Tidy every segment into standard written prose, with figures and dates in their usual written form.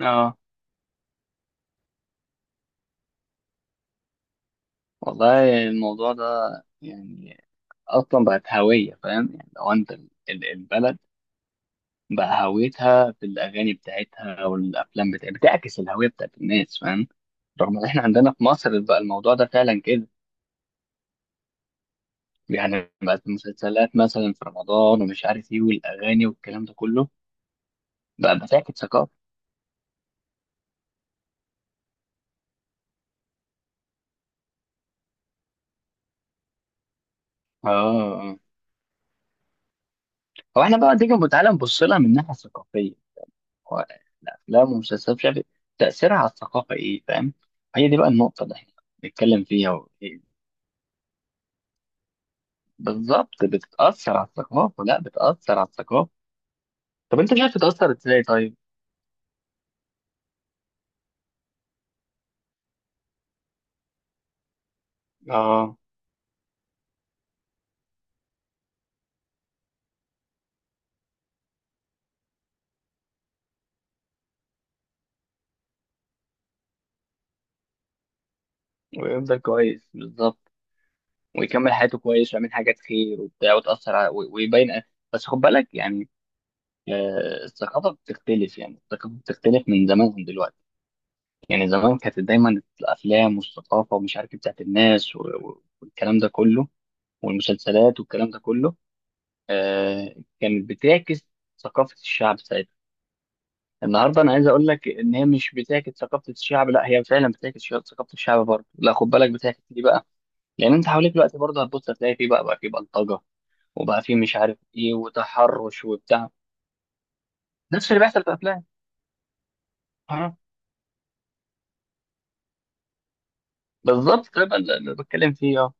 اه، والله الموضوع ده يعني اصلا بقت هويه، فاهم؟ يعني لو انت البلد بقى هويتها في الاغاني بتاعتها والافلام بتاعتها بتعكس الهويه بتاعت الناس، فاهم؟ رغم ان احنا عندنا في مصر بقى الموضوع ده فعلا كده. يعني بقت المسلسلات مثلا في رمضان ومش عارف ايه والاغاني والكلام ده كله بقى بتعكس ثقافه. اه. آه. هو احنا بقى تيجي تعالى نبص لها من الناحيه الثقافيه. هو الأفلام والمسلسلات مش عارف إيه، تأثيرها على الثقافة إيه، فاهم؟ هي دي بقى النقطة اللي إحنا بنتكلم فيها إيه. بالظبط بتتأثر على الثقافة، لا بتأثر على الثقافة. طب أنت مش عارف تتأثر إزاي طيب؟ آه، ويفضل كويس بالظبط. ويكمل حياته كويس ويعمل حاجات خير وبتاع، وتأثر على ويبين. بس خد بالك يعني. آه، الثقافة بتختلف، يعني الثقافة بتختلف من زمان عن دلوقتي. يعني زمان كانت دايما الأفلام والثقافة ومش عارف إيه بتاعت الناس والكلام ده كله، والمسلسلات والكلام ده كله. آه، كانت بتعكس ثقافة الشعب ساعتها. النهارده انا عايز اقول لك ان هي مش بتعكس ثقافة الشعب، لا هي فعلا بتعكس ثقافة الشعب برضه، لا خد بالك بتعكس دي بقى. لان انت حواليك دلوقتي برضه هتبص هتلاقي في بقى في بلطجة، وبقى في مش عارف ايه وتحرش وبتاع. نفس اللي بيحصل في الافلام. اه. بالظبط ده بقى اللي بتكلم فيه. اه.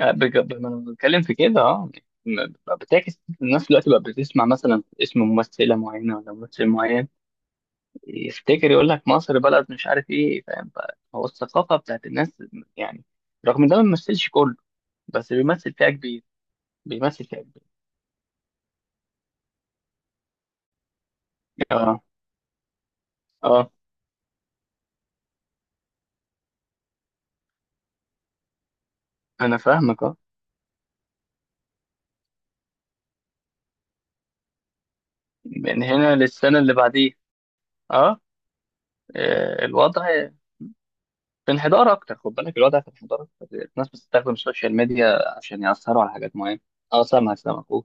آه، ما أنا بتكلم في كده. اه. بقى بتعكس الناس دلوقتي، بقى بتسمع مثلا اسم ممثلة معينة ولا ممثل معين يفتكر يقول لك مصر بلد مش عارف ايه، فاهم؟ هو الثقافه بتاعت الناس يعني. رغم ده ما بيمثلش كله، بس بيمثل فئه كبير. بيمثل فئه كبير. اه. اه، انا فاهمك اه. من هنا للسنه اللي بعديه. اه. آه، الوضع في انحدار اكتر، خد بالك، الوضع في انحدار اكتر. الناس بتستخدم السوشيال ميديا عشان ياثروا على حاجات معينه. اه، سامعك سامعك، قول.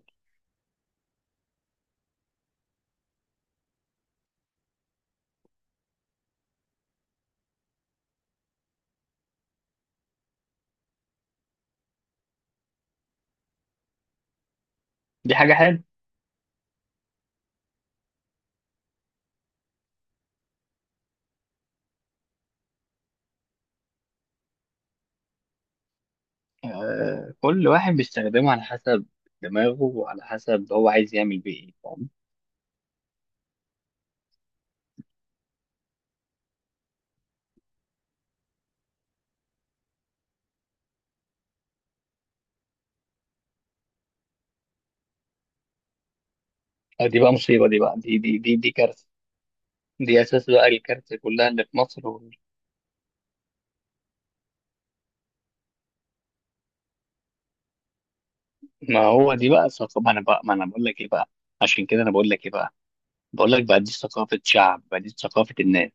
دي حاجه حلوه. آه، كل واحد بيستخدمه على حسب دماغه، وعلى حسب هو عايز يعمل بيه ايه، فاهم؟ آه، دي بقى مصيبة، دي بقى دي كارثة. دي أساس بقى الكارثة كلها اللي في مصر ما هو دي بقى ثقافة، ما أنا بقول لك إيه بقى. عشان كده أنا بقول لك إيه بقى. بقول لك بقى دي ثقافة شعب بقى، دي ثقافة الناس.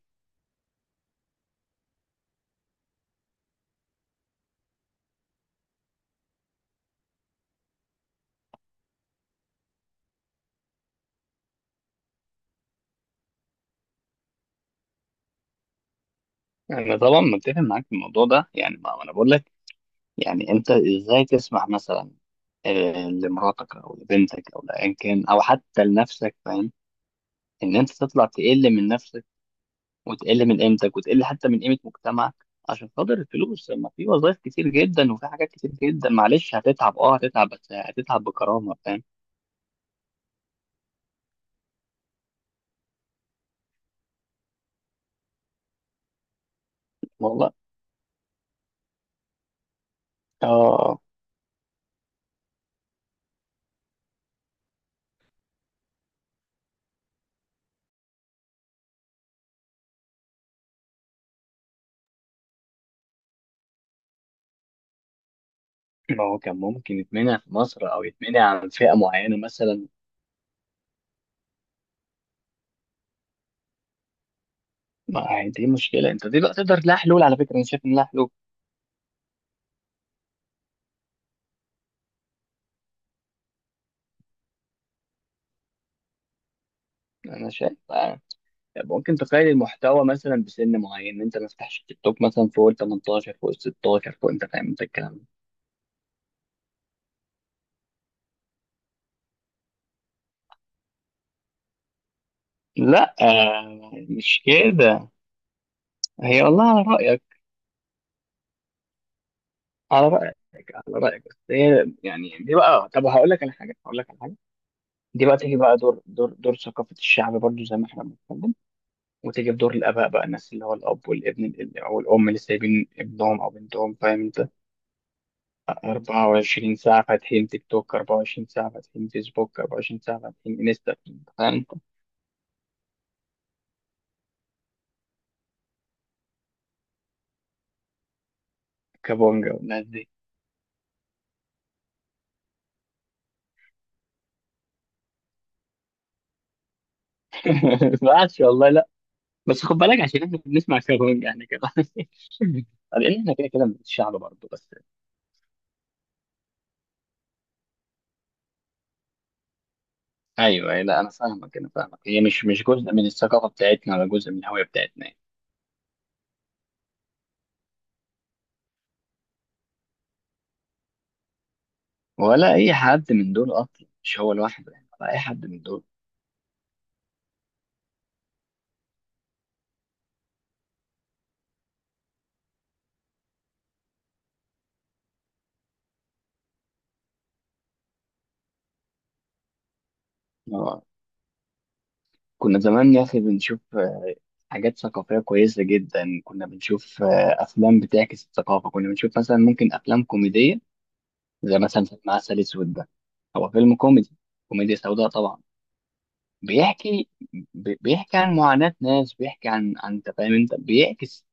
أنا طبعا متفق معاك في الموضوع ده يعني، ما أنا بقول لك. يعني أنت إزاي تسمح مثلا، لمراتك أو لبنتك أو لأيا كان أو حتى لنفسك، فاهم؟ إن أنت تطلع تقل من نفسك، وتقل من قيمتك، وتقل حتى من قيمة مجتمعك عشان خاطر الفلوس، لما في وظائف كتير جدا وفي حاجات كتير جدا. معلش هتتعب، اه، هتتعب بس هتتعب بكرامة، فاهم؟ والله. اه. ما هو كان ممكن يتمنع في مصر او يتمنع عن فئة معينة مثلا. ما هي دي مشكلة انت، دي بقى تقدر لها حلول، على فكرة انا شايف ان لها حلول. انا شايف ممكن تقيد المحتوى مثلا بسن معين، إن انت ما تفتحش تيك توك مثلا فوق ال 18، فوق ال 16، فوق، انت فاهم انت الكلام ده. لا، مش كده. هي والله على رأيك، على رأيك، على رأيك، بس هي يعني دي بقى. طب هقول لك على حاجة. دي بقى تيجي بقى دور ثقافة الشعب برضو، زي ما احنا بنتكلم. وتيجي بدور الآباء بقى، الناس اللي هو الأب والابن أو الأم اللي سايبين ابنهم أو بنتهم، فاهم أنت؟ 24 ساعة فاتحين تيك توك، 24 ساعة فاتحين فيسبوك، 24 ساعة فاتحين انستا. فاهم أنت؟ كابونجا والناس دي. ما عادش والله لا. بس خد بالك، عشان احنا بنسمع كابونجا احنا كده. لأن احنا كده كده من الشعب برضه، بس. ايوه، أيوة، لا انا فاهمك انا فاهمك، هي مش جزء من الثقافه بتاعتنا ولا جزء من الهويه بتاعتنا يعني. ولا اي حد من دول اصلا، مش هو لوحده يعني، ولا اي حد من دول. آه، كنا زمان يا اخي بنشوف حاجات ثقافيه كويسه جدا، كنا بنشوف افلام بتعكس الثقافه، كنا بنشوف مثلا ممكن افلام كوميديه، زي مثلا فيلم عسل اسود ده. هو فيلم كوميدي، كوميديا سوداء طبعا. بيحكي، بيحكي عن معاناة ناس، بيحكي عن، انت فاهم انت بيعكس.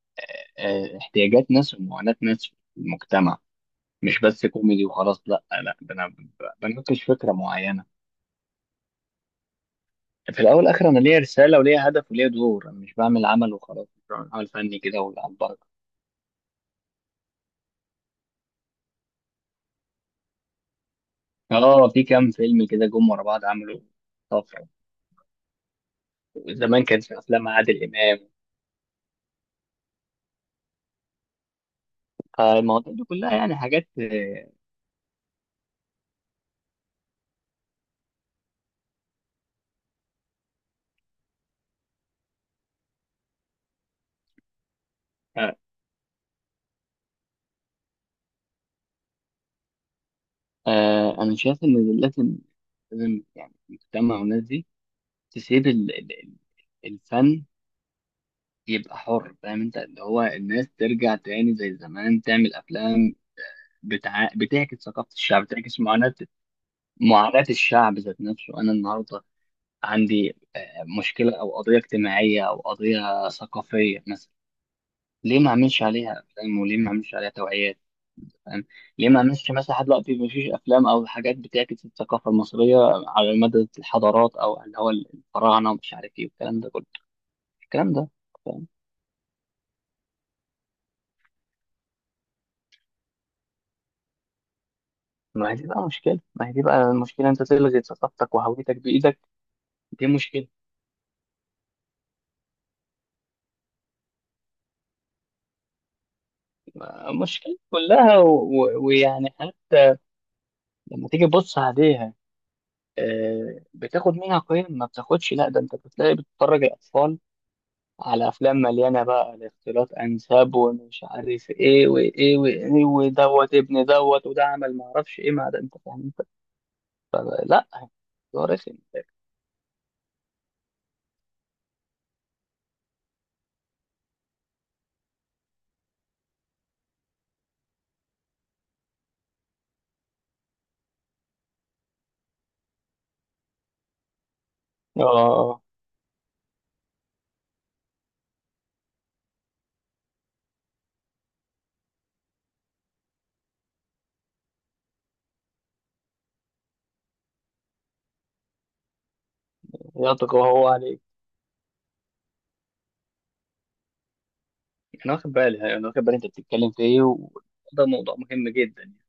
آه، احتياجات ناس ومعاناة ناس في المجتمع، مش بس كوميدي وخلاص، لا لا، ده انا بناقش فكرة معينة. في الاول والاخر انا ليا رسالة وليا هدف وليا دور، انا مش بعمل عمل وخلاص، مش بعمل عمل فني كده ولا على البركة. اه، في كام فيلم كده جم ورا بعض عملوا طفرة. زمان كانت في افلام عادل امام، فالمواضيع دي كلها يعني حاجات. آه، انا شايف ان لازم، لازم يعني المجتمع والناس دي تسيب الفن يبقى حر، فاهم انت؟ اللي هو الناس ترجع تاني زي زمان، تعمل افلام بتعكس ثقافة الشعب، بتعكس معاناة، معاناة الشعب ذات نفسه. انا النهارده عندي مشكلة او قضية اجتماعية او قضية ثقافية مثلا، ليه ما اعملش عليها افلام، وليه ما اعملش عليها توعيات، فاهم؟ ليه ما اعملش مثلا لحد دلوقتي، ما فيش افلام او حاجات بتعكس الثقافة المصرية على مدى الحضارات، او اللي هو الفراعنة ومش عارف ايه والكلام ده كله، الكلام ده. ما هي دي بقى مشكلة ما هي دي بقى المشكلة، انت تلغي ثقافتك وهويتك بإيدك. دي مشكلة، مشكلة كلها ويعني حتى لما تيجي تبص عليها، بتاخد منها قيم، ما بتاخدش، لا ده انت بتلاقي بتتفرج الأطفال على أفلام مليانة بقى لاختلاط أنساب ومش عارف إيه وإيه وإيه، ودوت ابن دوت، وده عمل ما أعرفش إيه مع ده، أنت فاهم أنت؟ فلا ده رخم. آه، يطغى هو عليك. انا واخد بالي، انا واخد بالي انت بتتكلم في ايه، وده موضوع مهم جدا يعني.